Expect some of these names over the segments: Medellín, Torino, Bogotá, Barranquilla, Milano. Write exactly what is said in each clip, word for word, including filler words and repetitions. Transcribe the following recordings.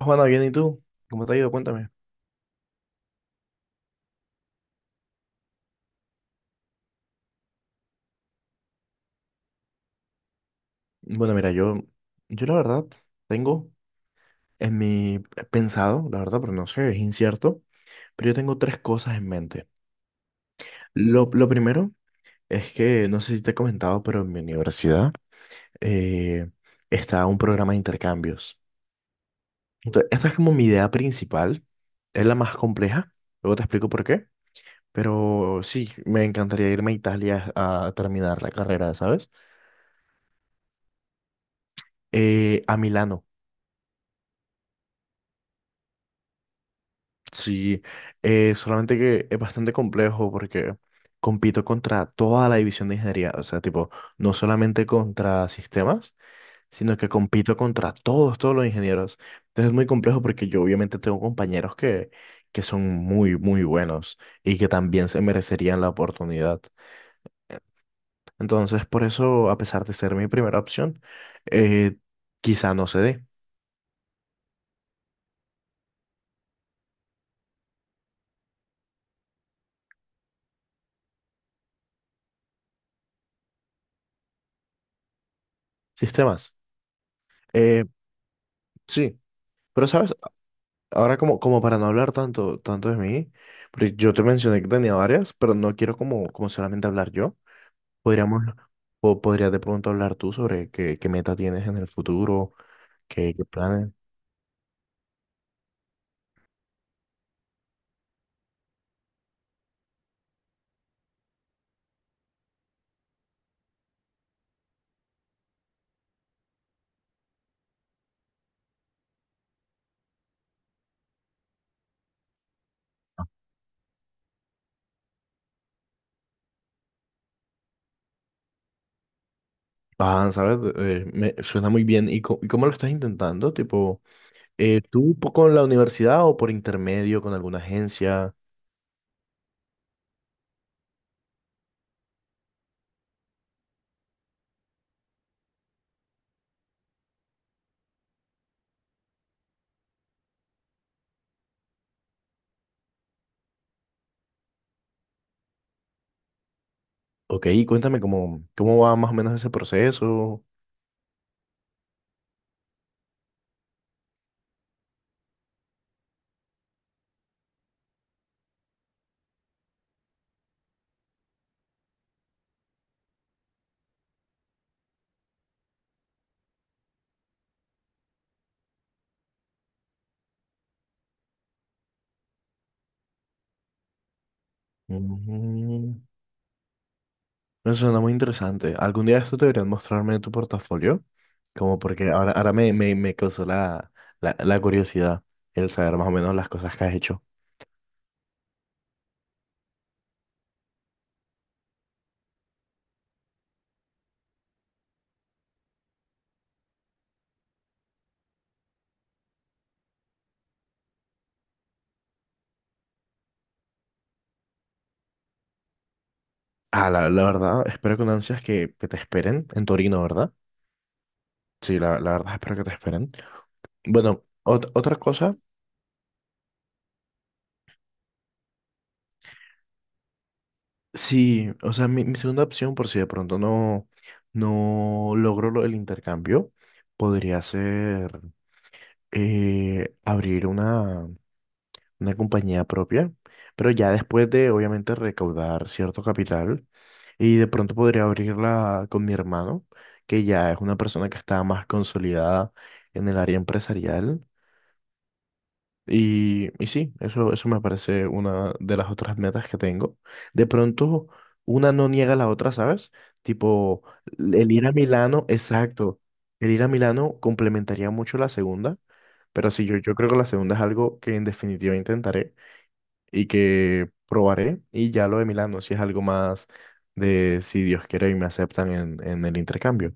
Juana, bien, ¿y tú? ¿Cómo te ha ido? Cuéntame. Bueno, mira, yo, yo la verdad tengo en mi he pensado, la verdad, pero no sé, es incierto, pero yo tengo tres cosas en mente. Lo, lo primero es que, no sé si te he comentado, pero en mi universidad eh, está un programa de intercambios. Entonces, esta es como mi idea principal, es la más compleja, luego te explico por qué, pero sí, me encantaría irme a Italia a terminar la carrera, ¿sabes? Eh, a Milano. Sí, eh, solamente que es bastante complejo porque compito contra toda la división de ingeniería, o sea, tipo, no solamente contra sistemas, sino que compito contra todos, todos los ingenieros. Entonces es muy complejo porque yo obviamente tengo compañeros que, que son muy, muy buenos y que también se merecerían la oportunidad. Entonces, por eso, a pesar de ser mi primera opción, eh, quizá no se dé sistemas. Eh, sí, pero sabes, ahora como, como para no hablar tanto, tanto de mí, porque yo te mencioné que tenía varias, pero no quiero como, como solamente hablar yo. Podríamos, o podrías de pronto hablar tú sobre qué, qué meta tienes en el futuro, qué, qué planes. Ah, ¿sabes? Eh, me suena muy bien. ¿Y, co- y cómo lo estás intentando? Tipo, eh, ¿tú po- con la universidad o por intermedio con alguna agencia? Ok, cuéntame cómo, cómo va más o menos ese proceso. Ujú. Me suena muy interesante. Algún día esto deberían mostrarme tu portafolio, como porque ahora, ahora me, me, me causó la, la, la curiosidad el saber más o menos las cosas que has hecho. Ah, la, la verdad, espero con ansias que, que te esperen en Torino, ¿verdad? Sí, la, la verdad espero que te esperen. Bueno, ot- otra cosa, sí, o sea, mi, mi segunda opción, por si de pronto no, no logro lo- el intercambio, podría ser eh, abrir una una compañía propia, pero ya después de obviamente recaudar cierto capital y de pronto podría abrirla con mi hermano, que ya es una persona que está más consolidada en el área empresarial. Y, y sí, eso, eso me parece una de las otras metas que tengo. De pronto, una no niega a la otra, ¿sabes? Tipo, el ir a Milano, exacto. El ir a Milano complementaría mucho la segunda, pero sí, yo, yo creo que la segunda es algo que en definitiva intentaré y que probaré y ya lo de Milano, si es algo más de si Dios quiere y me aceptan en, en el intercambio.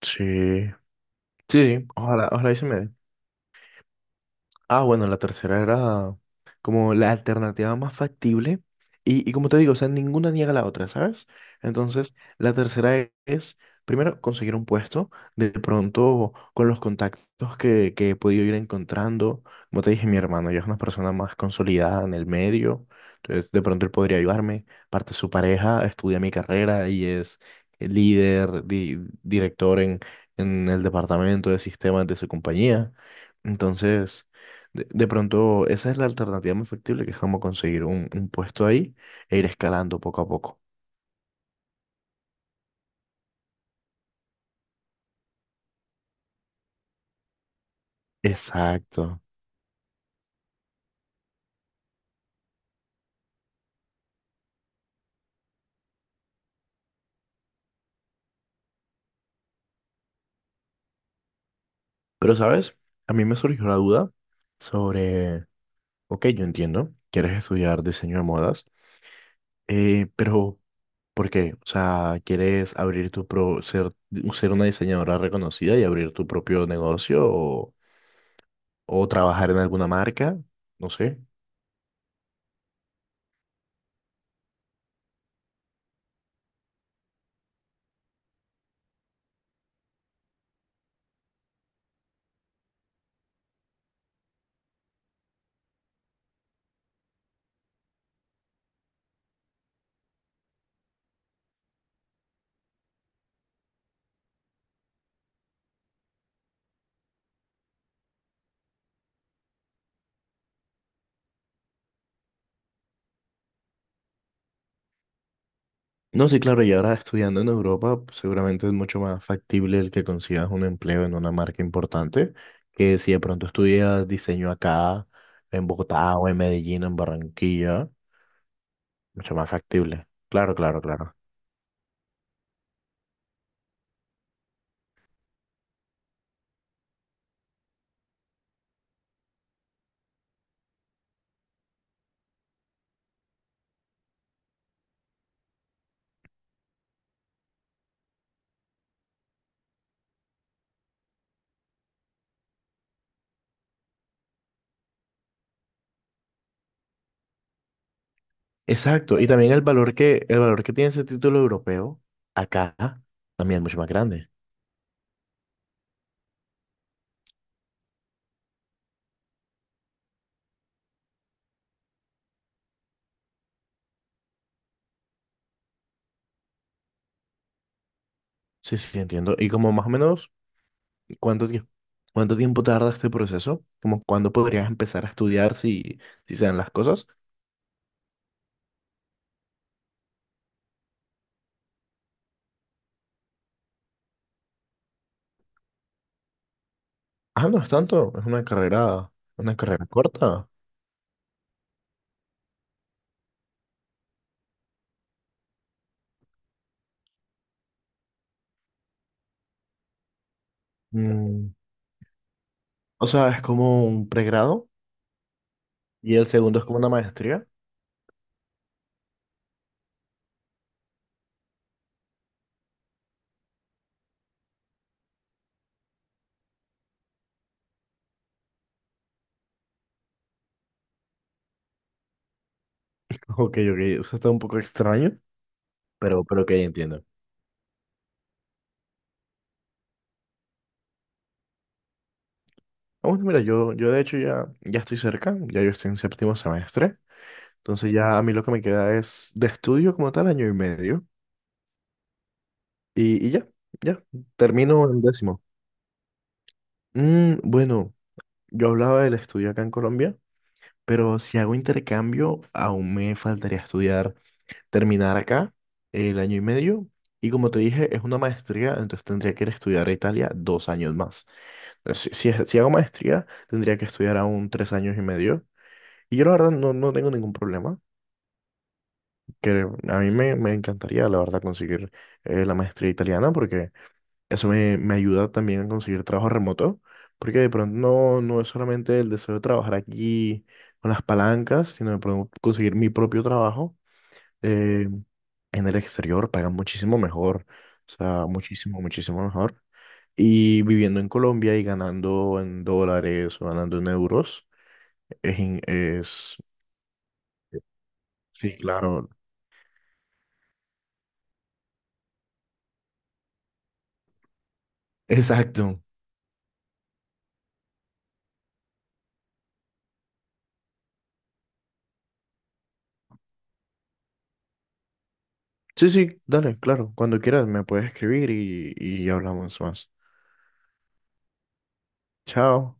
Sí, sí, sí, ojalá, ojalá y se me dé. Ah, bueno, la tercera era como la alternativa más factible. Y, y como te digo, o sea, ninguna niega la otra, ¿sabes? Entonces, la tercera e- es, primero, conseguir un puesto, de pronto con los contactos que, que he podido ir encontrando. Como te dije, mi hermano ya es una persona más consolidada en el medio, entonces de pronto él podría ayudarme. Parte su pareja estudia mi carrera y es líder, di- director en, en el departamento de sistemas de su compañía. Entonces... De, de pronto, esa es la alternativa más factible, que es como conseguir un, un puesto ahí e ir escalando poco a poco. Exacto. Pero, ¿sabes? A mí me surgió la duda sobre, ok, yo entiendo, quieres estudiar diseño de modas, eh, pero ¿por qué? O sea, ¿quieres abrir tu pro, ser, ser una diseñadora reconocida y abrir tu propio negocio o, o trabajar en alguna marca? No sé. No, sí, claro, y ahora estudiando en Europa, seguramente es mucho más factible el que consigas un empleo en una marca importante que si de pronto estudias diseño acá, en Bogotá o en Medellín, en Barranquilla, mucho más factible. Claro, claro, claro. Exacto, y también el valor que, el valor que tiene ese título europeo acá también es mucho más grande. Sí, sí, entiendo. Y como más o menos, ¿cuánto tiempo, cuánto tiempo tarda este proceso? ¿Como cuándo podrías empezar a estudiar si, si se dan las cosas? Ah, no es tanto, es una carrera, una carrera corta. Mm, o sea, es como un pregrado y el segundo es como una maestría. Ok, ok, eso está un poco extraño, pero, pero ok, entiendo. Ah, bueno, mira, yo, yo de hecho ya, ya estoy cerca, ya yo estoy en séptimo semestre, entonces ya a mí lo que me queda es de estudio como tal año y medio y, y ya, ya, termino en décimo. Mm, bueno, yo hablaba del estudio acá en Colombia, pero si hago intercambio aún me faltaría estudiar terminar acá el año y medio. Y como te dije, es una maestría, entonces tendría que ir a estudiar a Italia dos años más. Entonces, si, si, si hago maestría, tendría que estudiar aún tres años y medio. Y yo la verdad no, no tengo ningún problema, que a mí me, me encantaría la verdad conseguir eh, la maestría italiana porque eso me, me ayuda también a conseguir trabajo remoto, porque de pronto no, no es solamente el deseo de trabajar aquí con las palancas, sino de pronto conseguir mi propio trabajo eh, en el exterior pagan muchísimo mejor, o sea, muchísimo, muchísimo mejor. Y viviendo en Colombia y ganando en dólares o ganando en euros, es, in- es... Sí, claro. Exacto. Sí, sí, dale, claro. Cuando quieras me puedes escribir y, y hablamos más. Chao.